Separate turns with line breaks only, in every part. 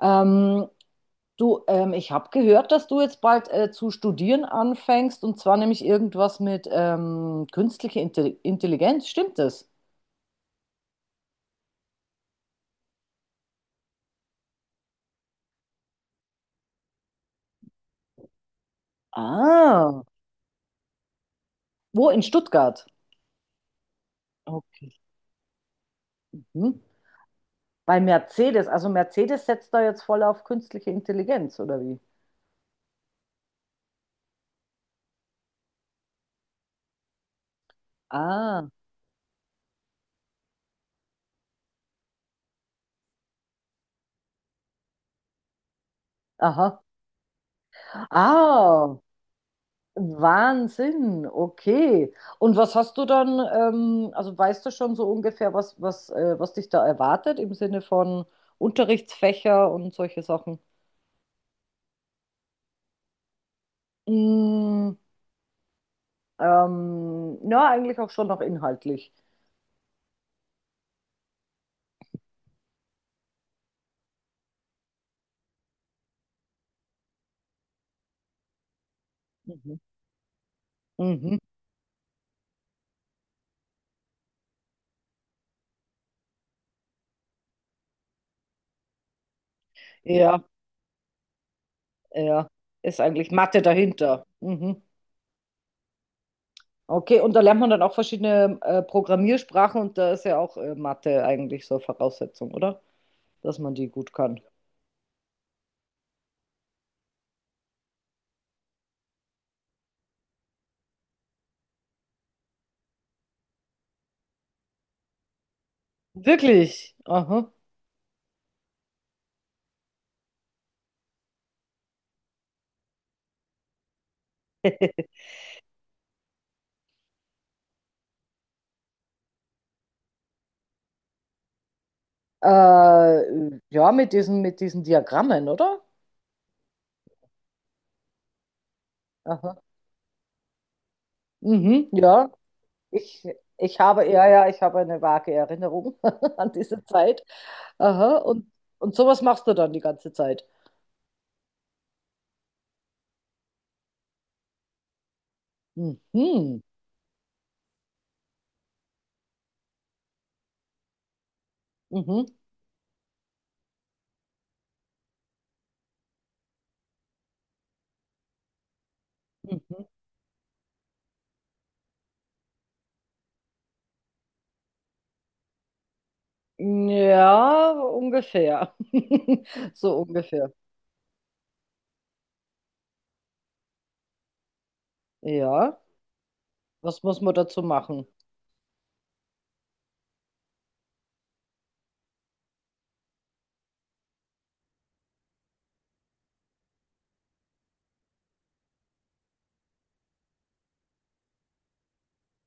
Ähm, du, ich habe gehört, dass du jetzt bald zu studieren anfängst und zwar nämlich irgendwas mit künstlicher Intelligenz. Stimmt das? Ah, wo? In Stuttgart. Okay. Hm? Bei Mercedes. Also Mercedes setzt da jetzt voll auf künstliche Intelligenz, oder wie? Ah, aha. Ah, Wahnsinn, okay. Und was hast du dann, also weißt du schon so ungefähr, was dich da erwartet im Sinne von Unterrichtsfächer und solche Sachen? Mm, ja, eigentlich auch schon noch inhaltlich. Mhm. Mhm. Ja, ja. Ist eigentlich Mathe dahinter. Mhm. Okay, und da lernt man dann auch verschiedene Programmiersprachen und da ist ja auch Mathe eigentlich so Voraussetzung, oder? Dass man die gut kann. Wirklich? Aha. Ja, mit mit diesen Diagrammen, oder? Aha. Mhm, ja. Ich, ich habe, ich habe eine vage Erinnerung an diese Zeit. Aha. Und sowas machst du dann die ganze Zeit. Mhm. Mhm. Mhm. Ja, ungefähr. So ungefähr. Ja. Was muss man dazu machen?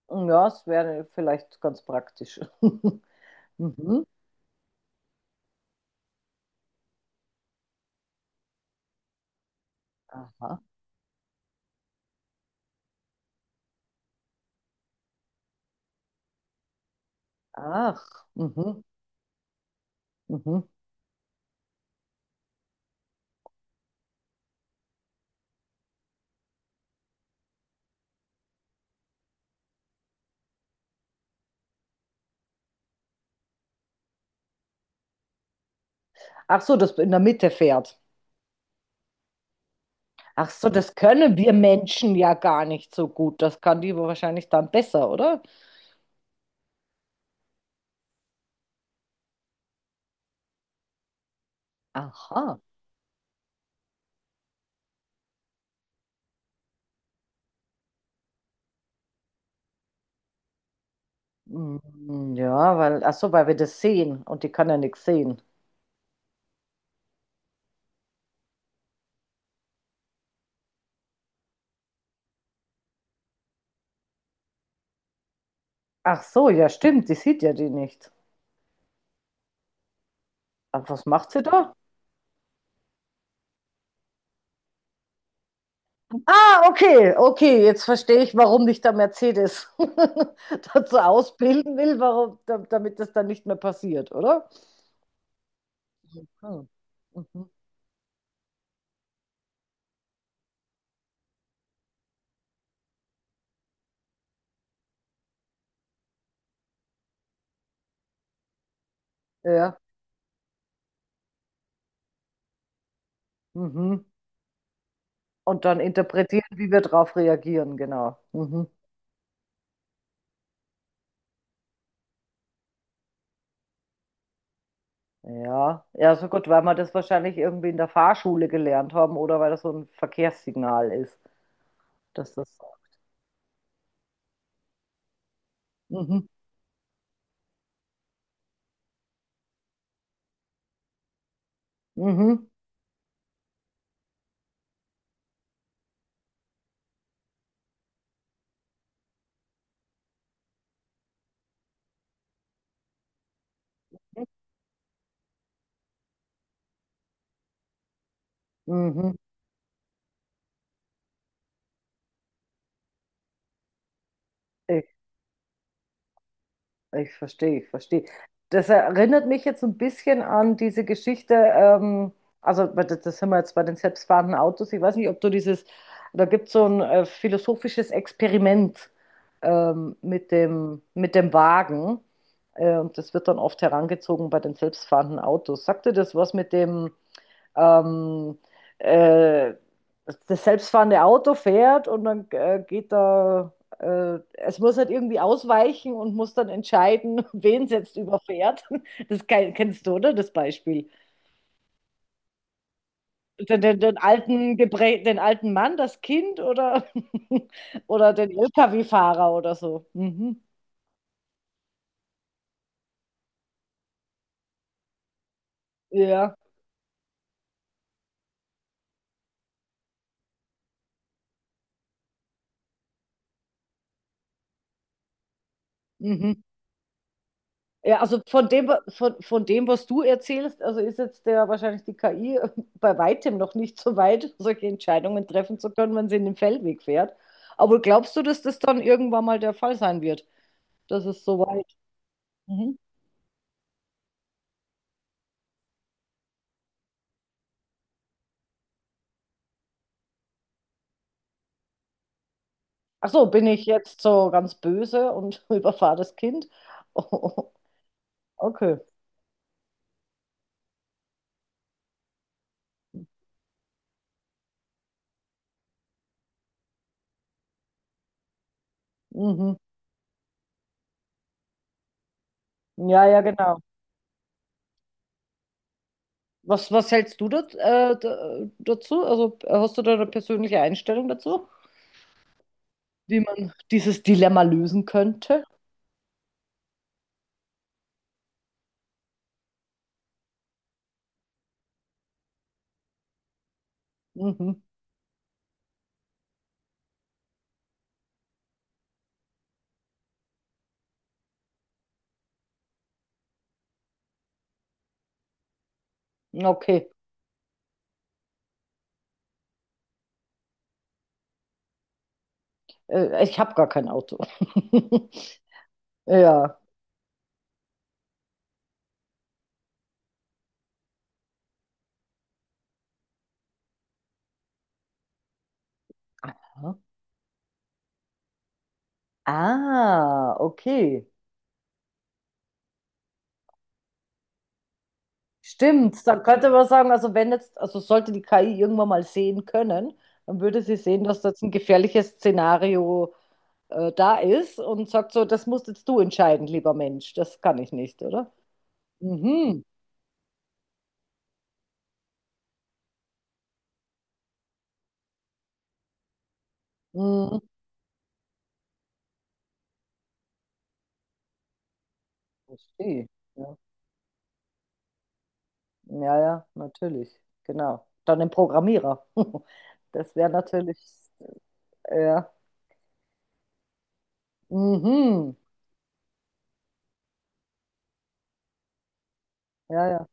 Ja, es wäre vielleicht ganz praktisch. Mhm. Aha. Ach. Mhm. Mhm. Ach so, das in der Mitte fährt. Ach so, das können wir Menschen ja gar nicht so gut. Das kann die wahrscheinlich dann besser, oder? Aha. Mm, ja, weil, ach so, weil wir das sehen und die kann ja nichts sehen. Ach so, ja, stimmt, die sieht ja die nicht. Aber was macht sie da? Ah, okay, okay, jetzt verstehe ich, warum nicht der Mercedes dazu ausbilden will, warum, damit das dann nicht mehr passiert, oder? Hm. Mhm. Ja, mhm. Und dann interpretieren, wie wir drauf reagieren, genau. Mhm. Ja, ja, so gut, weil wir das wahrscheinlich irgendwie in der Fahrschule gelernt haben oder weil das so ein Verkehrssignal ist, dass das. Mhm, mhm, mhm. Ich, ich verstehe, ich verstehe. Das erinnert mich jetzt ein bisschen an diese Geschichte, also das sind wir jetzt bei den selbstfahrenden Autos. Ich weiß nicht, ob du dieses, da gibt es so ein philosophisches Experiment mit mit dem Wagen. Und das wird dann oft herangezogen bei den selbstfahrenden Autos. Sagt dir das was mit dem, ähm, äh, das selbstfahrende Auto fährt und dann geht da, es muss halt irgendwie ausweichen und muss dann entscheiden, wen es jetzt überfährt. Das kennst du, oder? Das Beispiel. Den alten, Geprä den alten Mann, das Kind oder, oder den LKW-Fahrer oder so. Mhm. Ja. Mhm. Ja, also von von dem, was du erzählst, also ist jetzt der wahrscheinlich die KI bei weitem noch nicht so weit, solche Entscheidungen treffen zu können, wenn sie in den Feldweg fährt. Aber glaubst du, dass das dann irgendwann mal der Fall sein wird? Das ist so weit. Mhm. Ach so, bin ich jetzt so ganz böse und überfahre das Kind? Oh, okay. Mhm. Ja, ja, genau. Was hältst du dazu? Also hast du da eine persönliche Einstellung dazu, wie man dieses Dilemma lösen könnte? Mhm. Okay, ich habe gar kein Auto. Ja. Aha. Ah, okay. Stimmt, dann könnte man sagen, also wenn jetzt, also sollte die KI irgendwann mal sehen können, dann würde sie sehen, dass das ein gefährliches Szenario da ist und sagt so, das musst jetzt du entscheiden, lieber Mensch, das kann ich nicht, oder? Mhm. Mhm. Verstehe. Ja. Ja, ja, natürlich. Genau. Dann ein Programmierer. Das wäre natürlich, ja. Mhm. Ja, ja.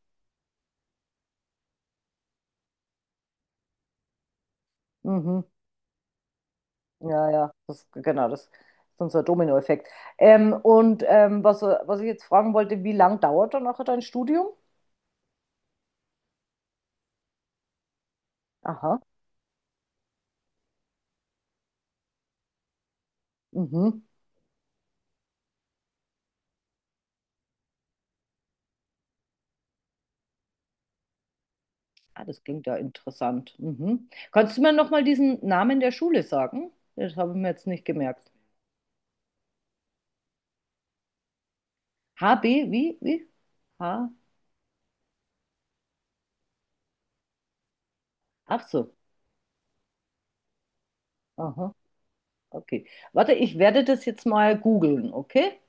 Mhm. Ja, ja. Das, genau, das ist unser Dominoeffekt. Was ich jetzt fragen wollte, wie lang dauert dann nachher dein Studium? Aha. Mhm. Ah, das klingt ja interessant. Mhm. Kannst du mir nochmal diesen Namen der Schule sagen? Das habe ich mir jetzt nicht gemerkt. HB, wie? Wie? H? Ach so. Aha. Okay. Warte, ich werde das jetzt mal googeln, okay?